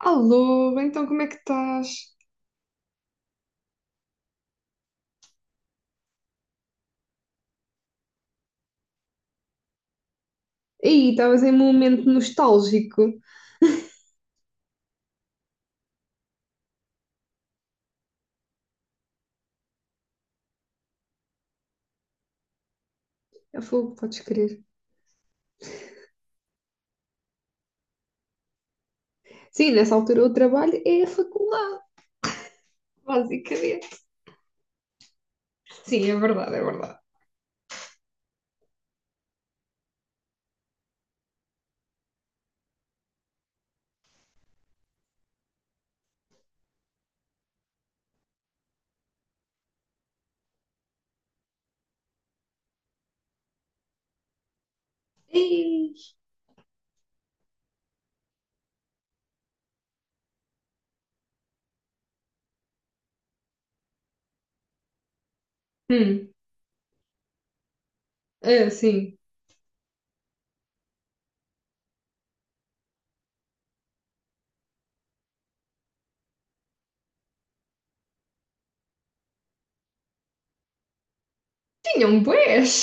Alô, então como é que estás? Ei, estavas em um momento nostálgico. Eu falo, podes crer. Sim, nessa altura o trabalho é a faculdade, basicamente. Sim, é verdade, é verdade. Ei, hum, é sim. Tinham bués.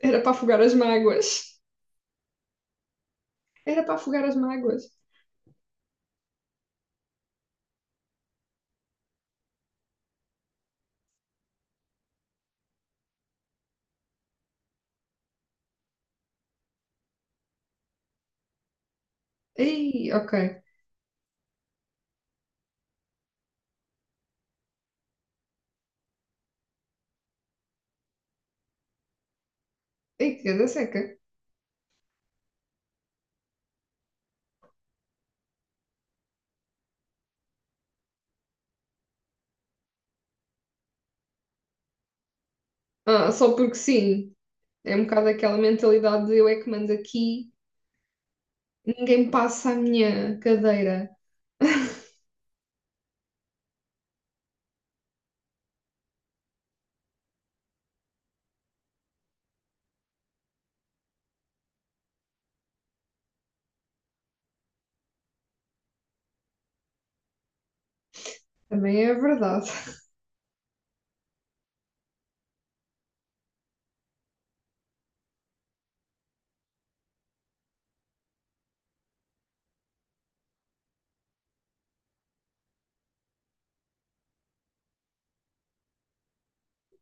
Era para afogar as mágoas. Era para afogar as mágoas. Ei, ok. Ei, que ganda seca. Ah, só porque sim. É um bocado aquela mentalidade de eu é que mando aqui, ninguém passa a minha cadeira. Também é verdade.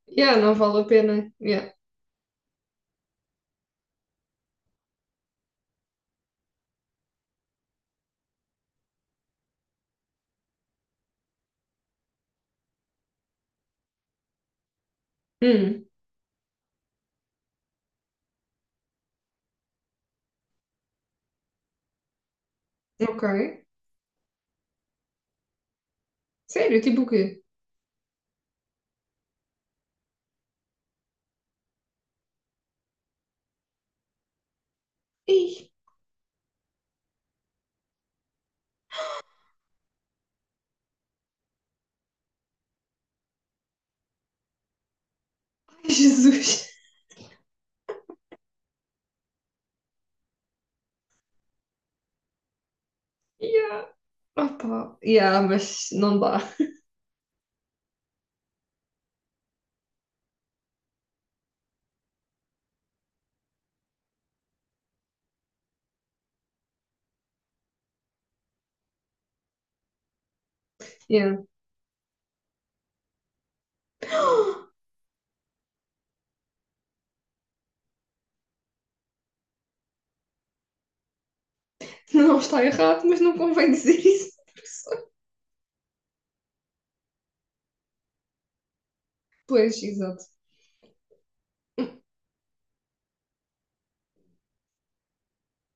Yeah, não vale a pena. Yeah. Hum, ok. Sério, tipo o quê? Ih, ai, Jesus. Yeah. Opa. Yeah, mas não dá. Yeah. Não está errado, mas não convém dizer isso à pessoa. Pois, exato.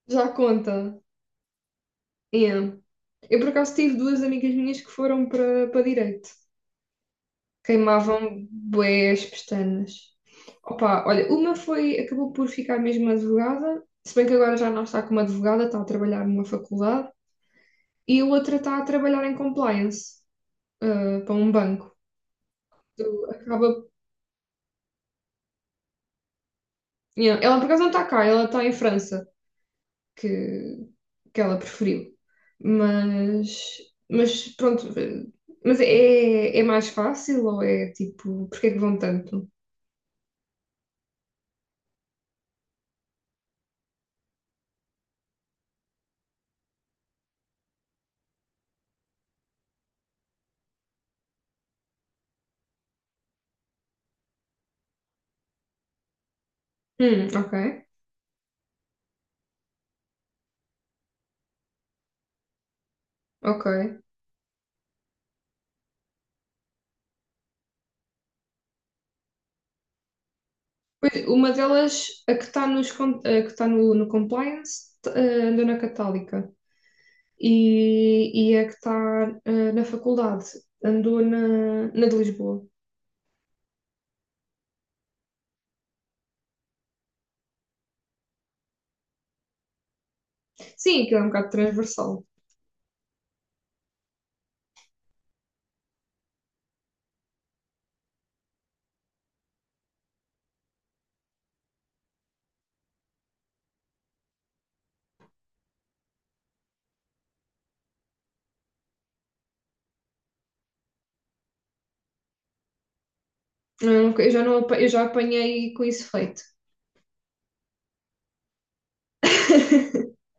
Já conta. Yeah. Eu por acaso tive duas amigas minhas que foram para direito. Queimavam bué as pestanas. Opa, olha, uma foi, acabou por ficar mesmo advogada, se bem que agora já não está como advogada, está a trabalhar numa faculdade. E a outra está a trabalhar em compliance, ah, para um banco. Então, acaba... Yeah, ela por acaso não está cá, ela está em França, que, que ela preferiu. Mas, mas pronto, eh, mas é, é mais fácil ou é tipo, porque é que vão tanto? Ok, ok. Pois, uma delas, a que está nos, con- a que está no, no compliance, t- eh, andou na Católica. E, e a que está eh, na faculdade, andou na, na de Lisboa. Sim, aquilo é um bocado transversal. Eu nunca- eu já, não, apa- eu já apanhei com isso feito.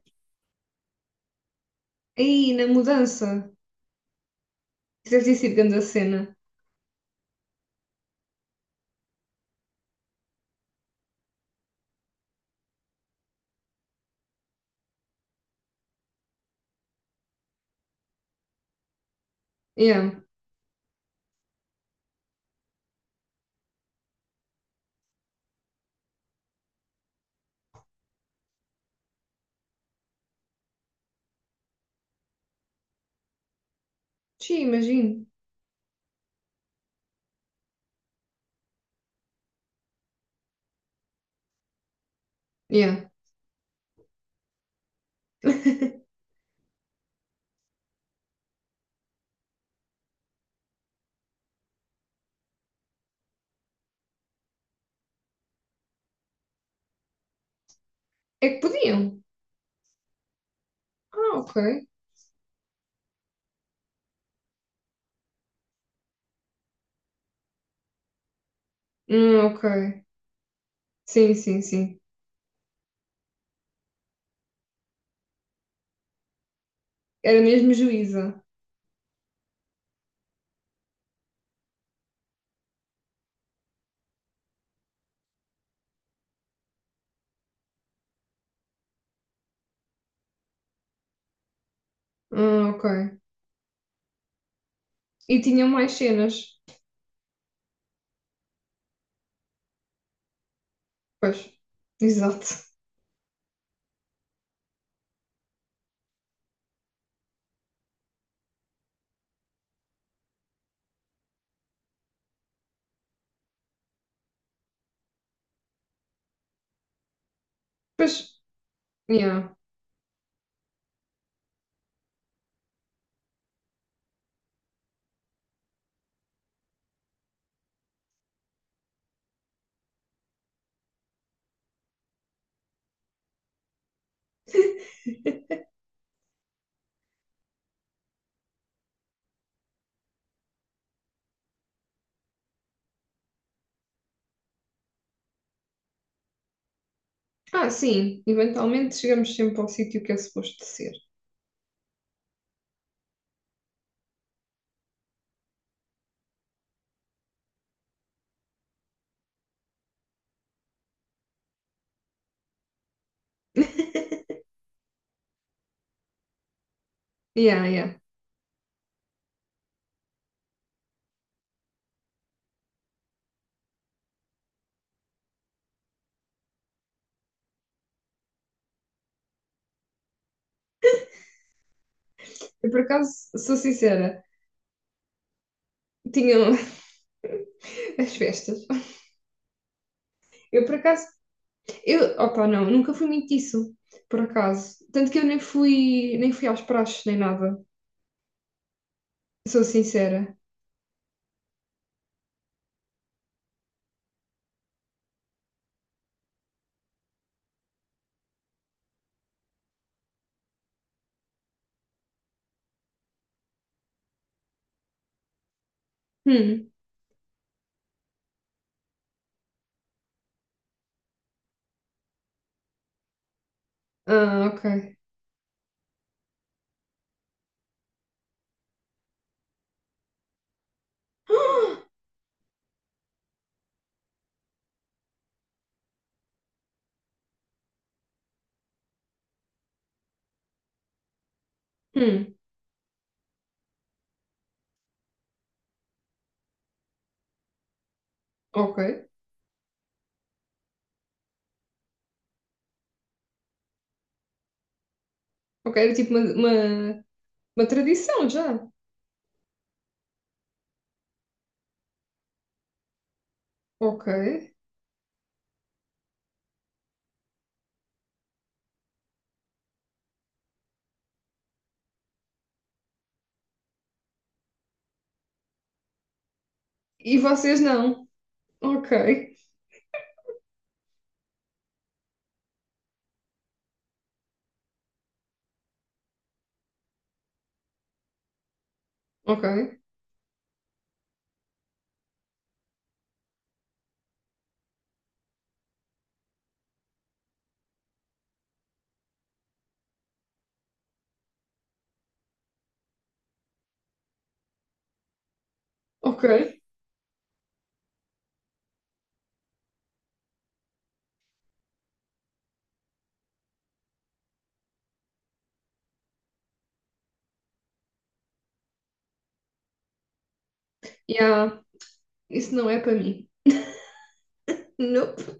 Aí, na mudança, deve ter sido grande a cena. Yeah. Sim, imagino. Yeah. É que podiam. Ah, ok. Ok. Sim, sim, sim. Era mesmo juíza. Ok. E tinham mais cenas. Pois. Exato. Pois. Yeah. Ah, sim. Eventualmente chegamos sempre ao sítio que é suposto ser. Yeah, yeah. Eu por acaso, sou sincera, tinham as festas. Eu por acaso, eu, opa, não, nunca fui muito disso, por acaso. Tanto que eu nem fui, nem fui aos praxes, nem nada. Sou sincera. Hum, ah, ok. Ah, hum, ok. Ok, era tipo uma tradição já. Ok. E vocês não. Ok, ok, ok. Yeah, isso não é para mim. Nope.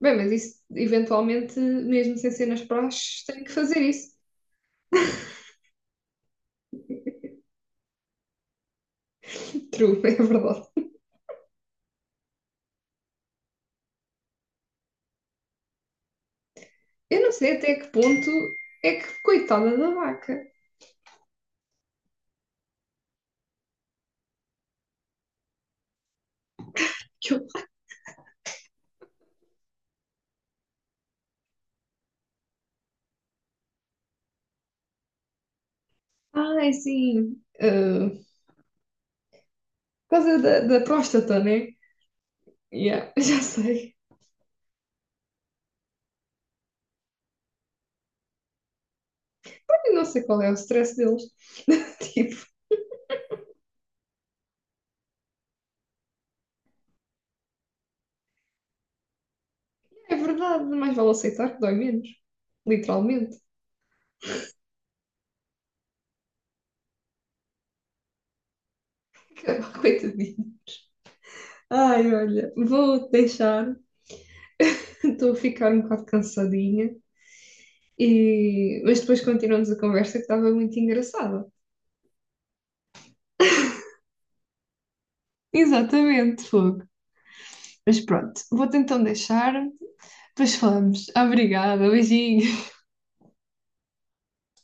Bem, mas isso, eventualmente, mesmo sem ser nas praxes, tem que fazer isso. True, é verdade. Eu não sei até que ponto é que, coitada da vaca. Que eu- ai, sim. Ah, por causa da, da próstata, né? Yeah, já sei. Eu não sei qual é o stress deles. Tipo, é verdade, mais vale aceitar que dói menos. Literalmente. Coitadinho. Ai, olha, vou deixar. Estou a ficar um bocado cansadinha. E... mas depois continuamos a conversa que estava muito engraçada. Exatamente, fogo. Mas pronto, vou-te então deixar. Depois falamos. Obrigada, beijinho.